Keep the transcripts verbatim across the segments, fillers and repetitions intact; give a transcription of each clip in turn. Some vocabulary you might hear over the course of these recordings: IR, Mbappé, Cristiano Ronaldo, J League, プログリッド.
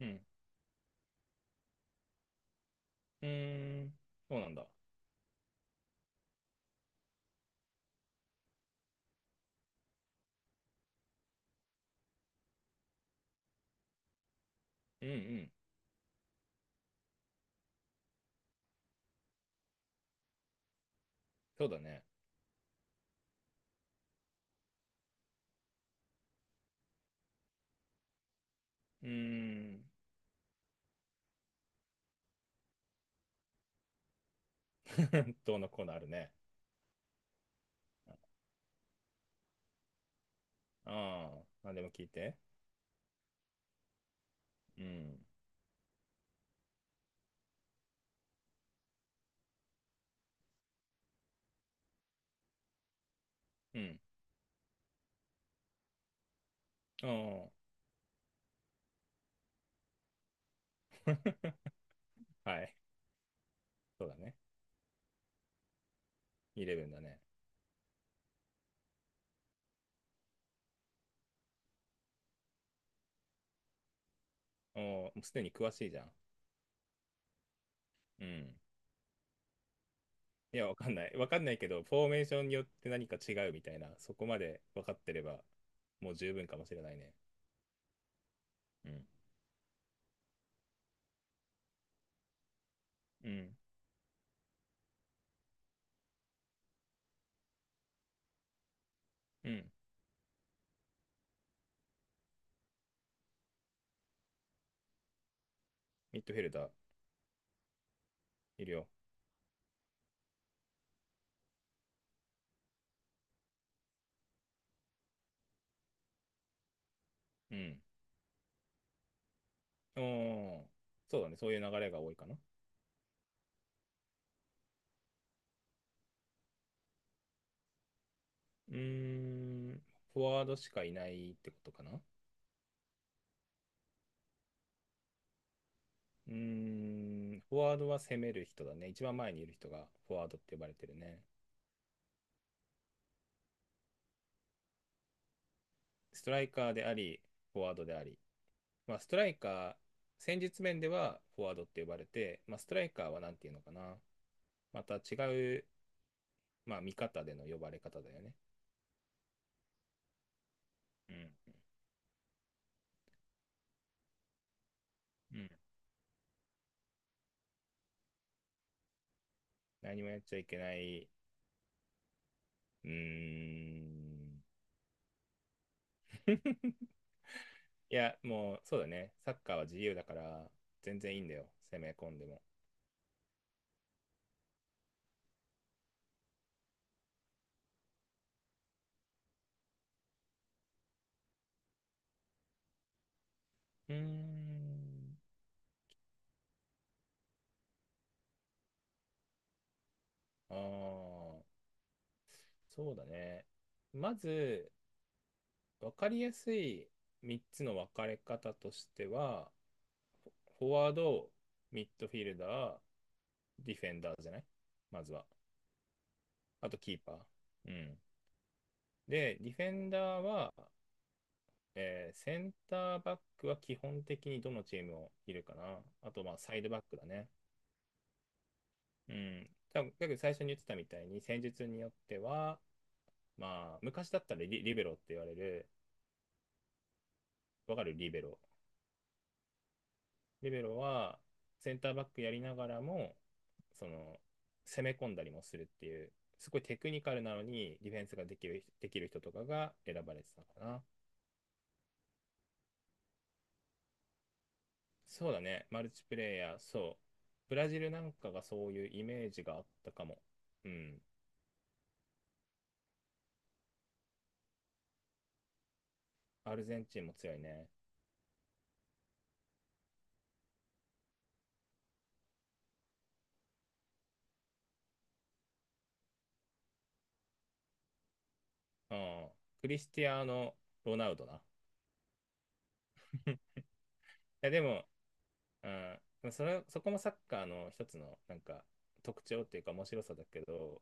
うん。うーん。そうなんだ。うんうん。そうだね。うーん。どうのコーナーあるね。ああ。何でも聞いて。うん。うん。ああ。はい。そうだね。イレブンだね。おーもうすでに詳しいじゃん。うん。いや、わかんない。わかんないけど、フォーメーションによって何か違うみたいな、そこまで分かってれば、もう十分かもしれないね。うん。うん。うん。ミッドフィルダー、いるよ。うん。おー、そうだね。そういう流れが多いかな。うーん、フォワードしかいないってことかな。うーん、フォワードは攻める人だね。一番前にいる人がフォワードって呼ばれてるね。ストライカーであり、フォワードであり。まあ、ストライカー、戦術面ではフォワードって呼ばれて、まあ、ストライカーは何ていうのかな。また違う、まあ、見方での呼ばれ方だよね。うん。うん。何もやっちゃいけない。うーん。いや、もう、そうだね。サッカーは自由だから、全然いいんだよ。攻め込んでも。うーん。ああ、そうだね。まず、分かりやすいみっつの分かれ方としては、フォフォワード、ミッドフィルダー、ディフェンダーじゃない？まずは。あと、キーパー。うん。で、ディフェンダーは、えーセンターバックは基本的にどのチームもいるかな。あと、まあ、サイドバックだね。うん。多分、だけど最初に言ってたみたいに、戦術によっては、まあ、昔だったらリ、リベロって言われる、わかる？リベロ。リベロは、センターバックやりながらも、その、攻め込んだりもするっていう、すごいテクニカルなのに、ディフェンスができるできる人とかが選ばれてたかな。そうだね、マルチプレイヤー、そう。ブラジルなんかがそういうイメージがあったかも。うん。アルゼンチンも強いね。うん。クリスティアーノ・ロナウドな。いや、でも、うん、それ、そこもサッカーの一つの、なんか、特徴っていうか面白さだけど、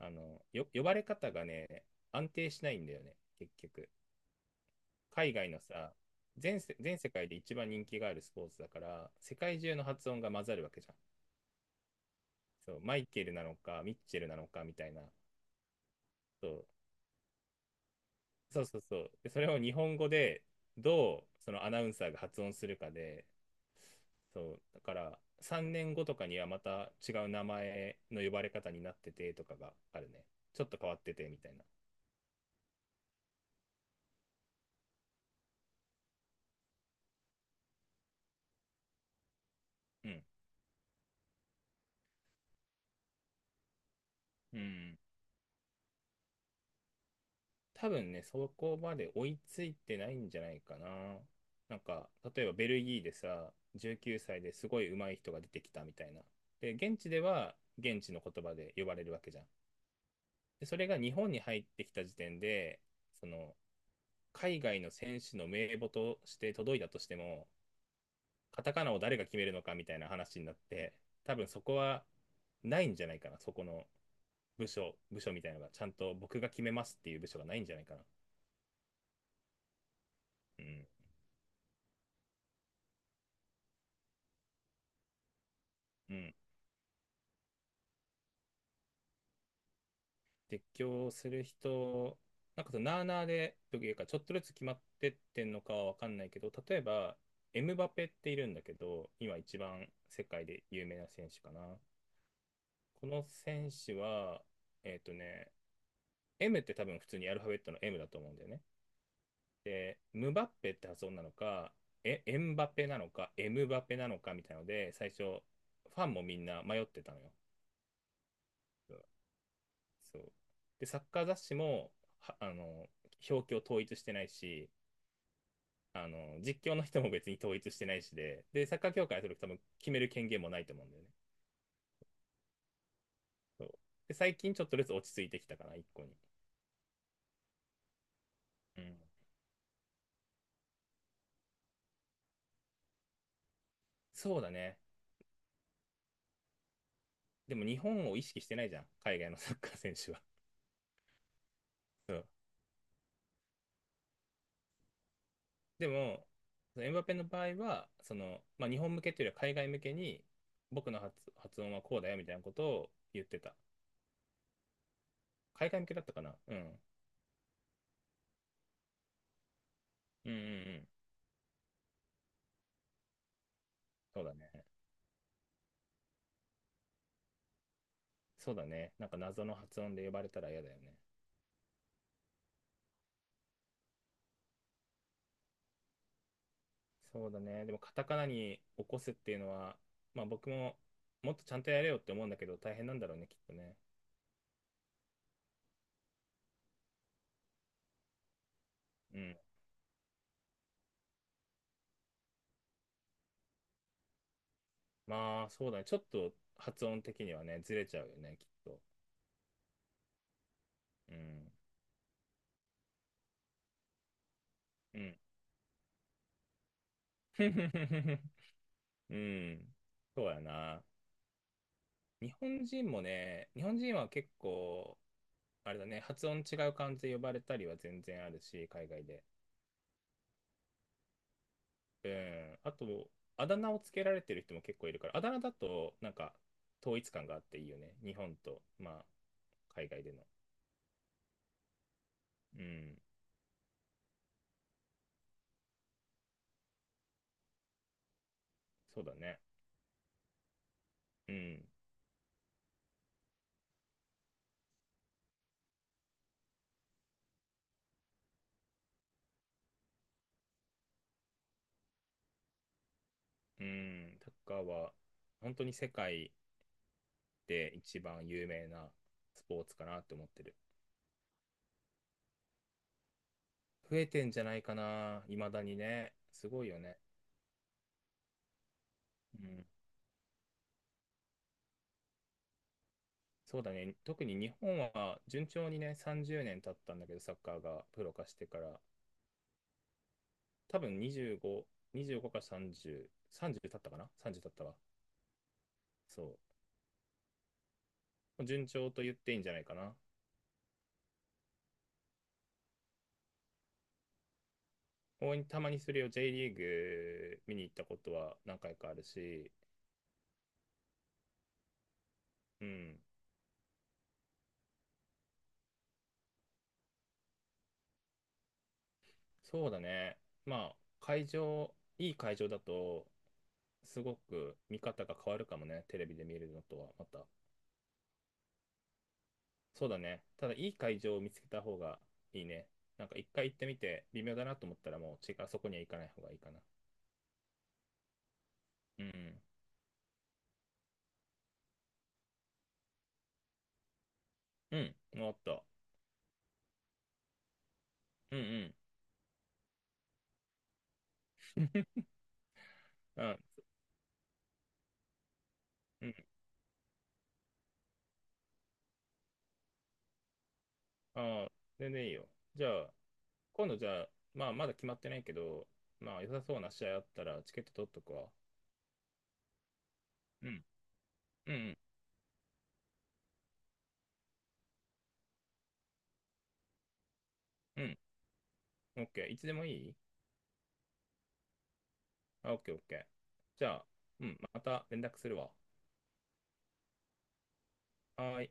あの、よ、呼ばれ方がね、安定しないんだよね、結局。海外のさ、全世、全世界で一番人気があるスポーツだから、世界中の発音が混ざるわけじゃん。そう、マイケルなのか、ミッチェルなのかみたいな。そう、そうそうそう。で、それを日本語でどうそのアナウンサーが発音するかで、そう、だからさんねんごとかにはまた違う名前の呼ばれ方になっててとかがあるね。ちょっと変わっててみたいな。うん。うん、多分ね、そこまで追いついてないんじゃないかな。なんか、例えばベルギーでさ、じゅうきゅうさいですごい上手い人が出てきたみたいな。で、現地では現地の言葉で呼ばれるわけじゃん。で、それが日本に入ってきた時点で、その、海外の選手の名簿として届いたとしても、カタカナを誰が決めるのかみたいな話になって、多分そこはないんじゃないかな。そこの部署、部署みたいなのが、ちゃんと僕が決めますっていう部署がないんじゃないかな。うん。うん。絶叫する人、なんかそのなあなあで、というか、ちょっとずつ決まってってんのかはわかんないけど、例えば、エムバペっているんだけど、今一番世界で有名な選手かな。この選手は、えっとね、M って多分普通にアルファベットの M だと思うんだよね。で、ムバッペって発音なのか、え、エンバペなのか、エムバペなのかみたいなので、最初、ファンもみんな迷ってたのよ。そう。で、サッカー雑誌も、はあの、表記を統一してないし、あの、実況の人も別に統一してないしで、で、サッカー協会はそれ多分決める権限もないと思うんだよね。そう。で、最近ちょっとずつ落ち着いてきたかな、一個に。うん。そうだね。でも日本を意識してないじゃん、海外のサッカー選手は。そう。でも、エムバペの場合は、その、まあ、日本向けというよりは海外向けに、僕の発、発音はこうだよみたいなことを言ってた。海外向けだったかな、うん。うんうんうん。そうだね。そうだね。なんか謎の発音で呼ばれたら嫌だよね。そうだね。でもカタカナに起こすっていうのは、まあ僕ももっとちゃんとやれよって思うんだけど大変なんだろうね、きっとね。うん。まあそうだね。ちょっと発音的にはね、ずれちゃうよね、きっと。うん。うん。うん。そうやな。日本人もね、日本人は結構、あれだね、発音違う漢字で呼ばれたりは全然あるし、海外で。うん、あと、あだ名をつけられてる人も結構いるから、あだ名だと、なんか、統一感があっていいよね。日本と、まあ、海外での。うん、そうだね。うん、うん、サッカーは、本当に世界で一番有名なスポーツかなって思ってる。増えてんじゃないかな、未だにね。すごいよね。うん、そうだね。特に日本は、順調にね、さんじゅうねん経ったんだけど、サッカーがプロ化してから。多分にじゅうご、にじゅうごかさんじゅう、さんじゅう経ったかな？ さんじゅう 経ったわ。そう。順調と言っていいんじゃないかな。たまにそれを ジェー リーグ見に行ったことは何回かあるし、うん。そうだね。まあ、会場、いい会場だと、すごく見方が変わるかもね。テレビで見るのとはまた。そうだね。ただ、いい会場を見つけた方がいいね。なんか一回行ってみて、微妙だなと思ったらもう、違う、そこには行かない方がいいかな。うん。うん。終わった。うんうん。あ、うん。ああ、全然いいよ。じゃあ、今度じゃあ、まあ、まだ決まってないけど、まあ、良さそうな試合あったら、チケット取っとくわ。うん。うん、うん、うん。オッケー。いつでもいい？あ、オッケー、オッケー。じゃあ、うん、また連絡するわ。はーい。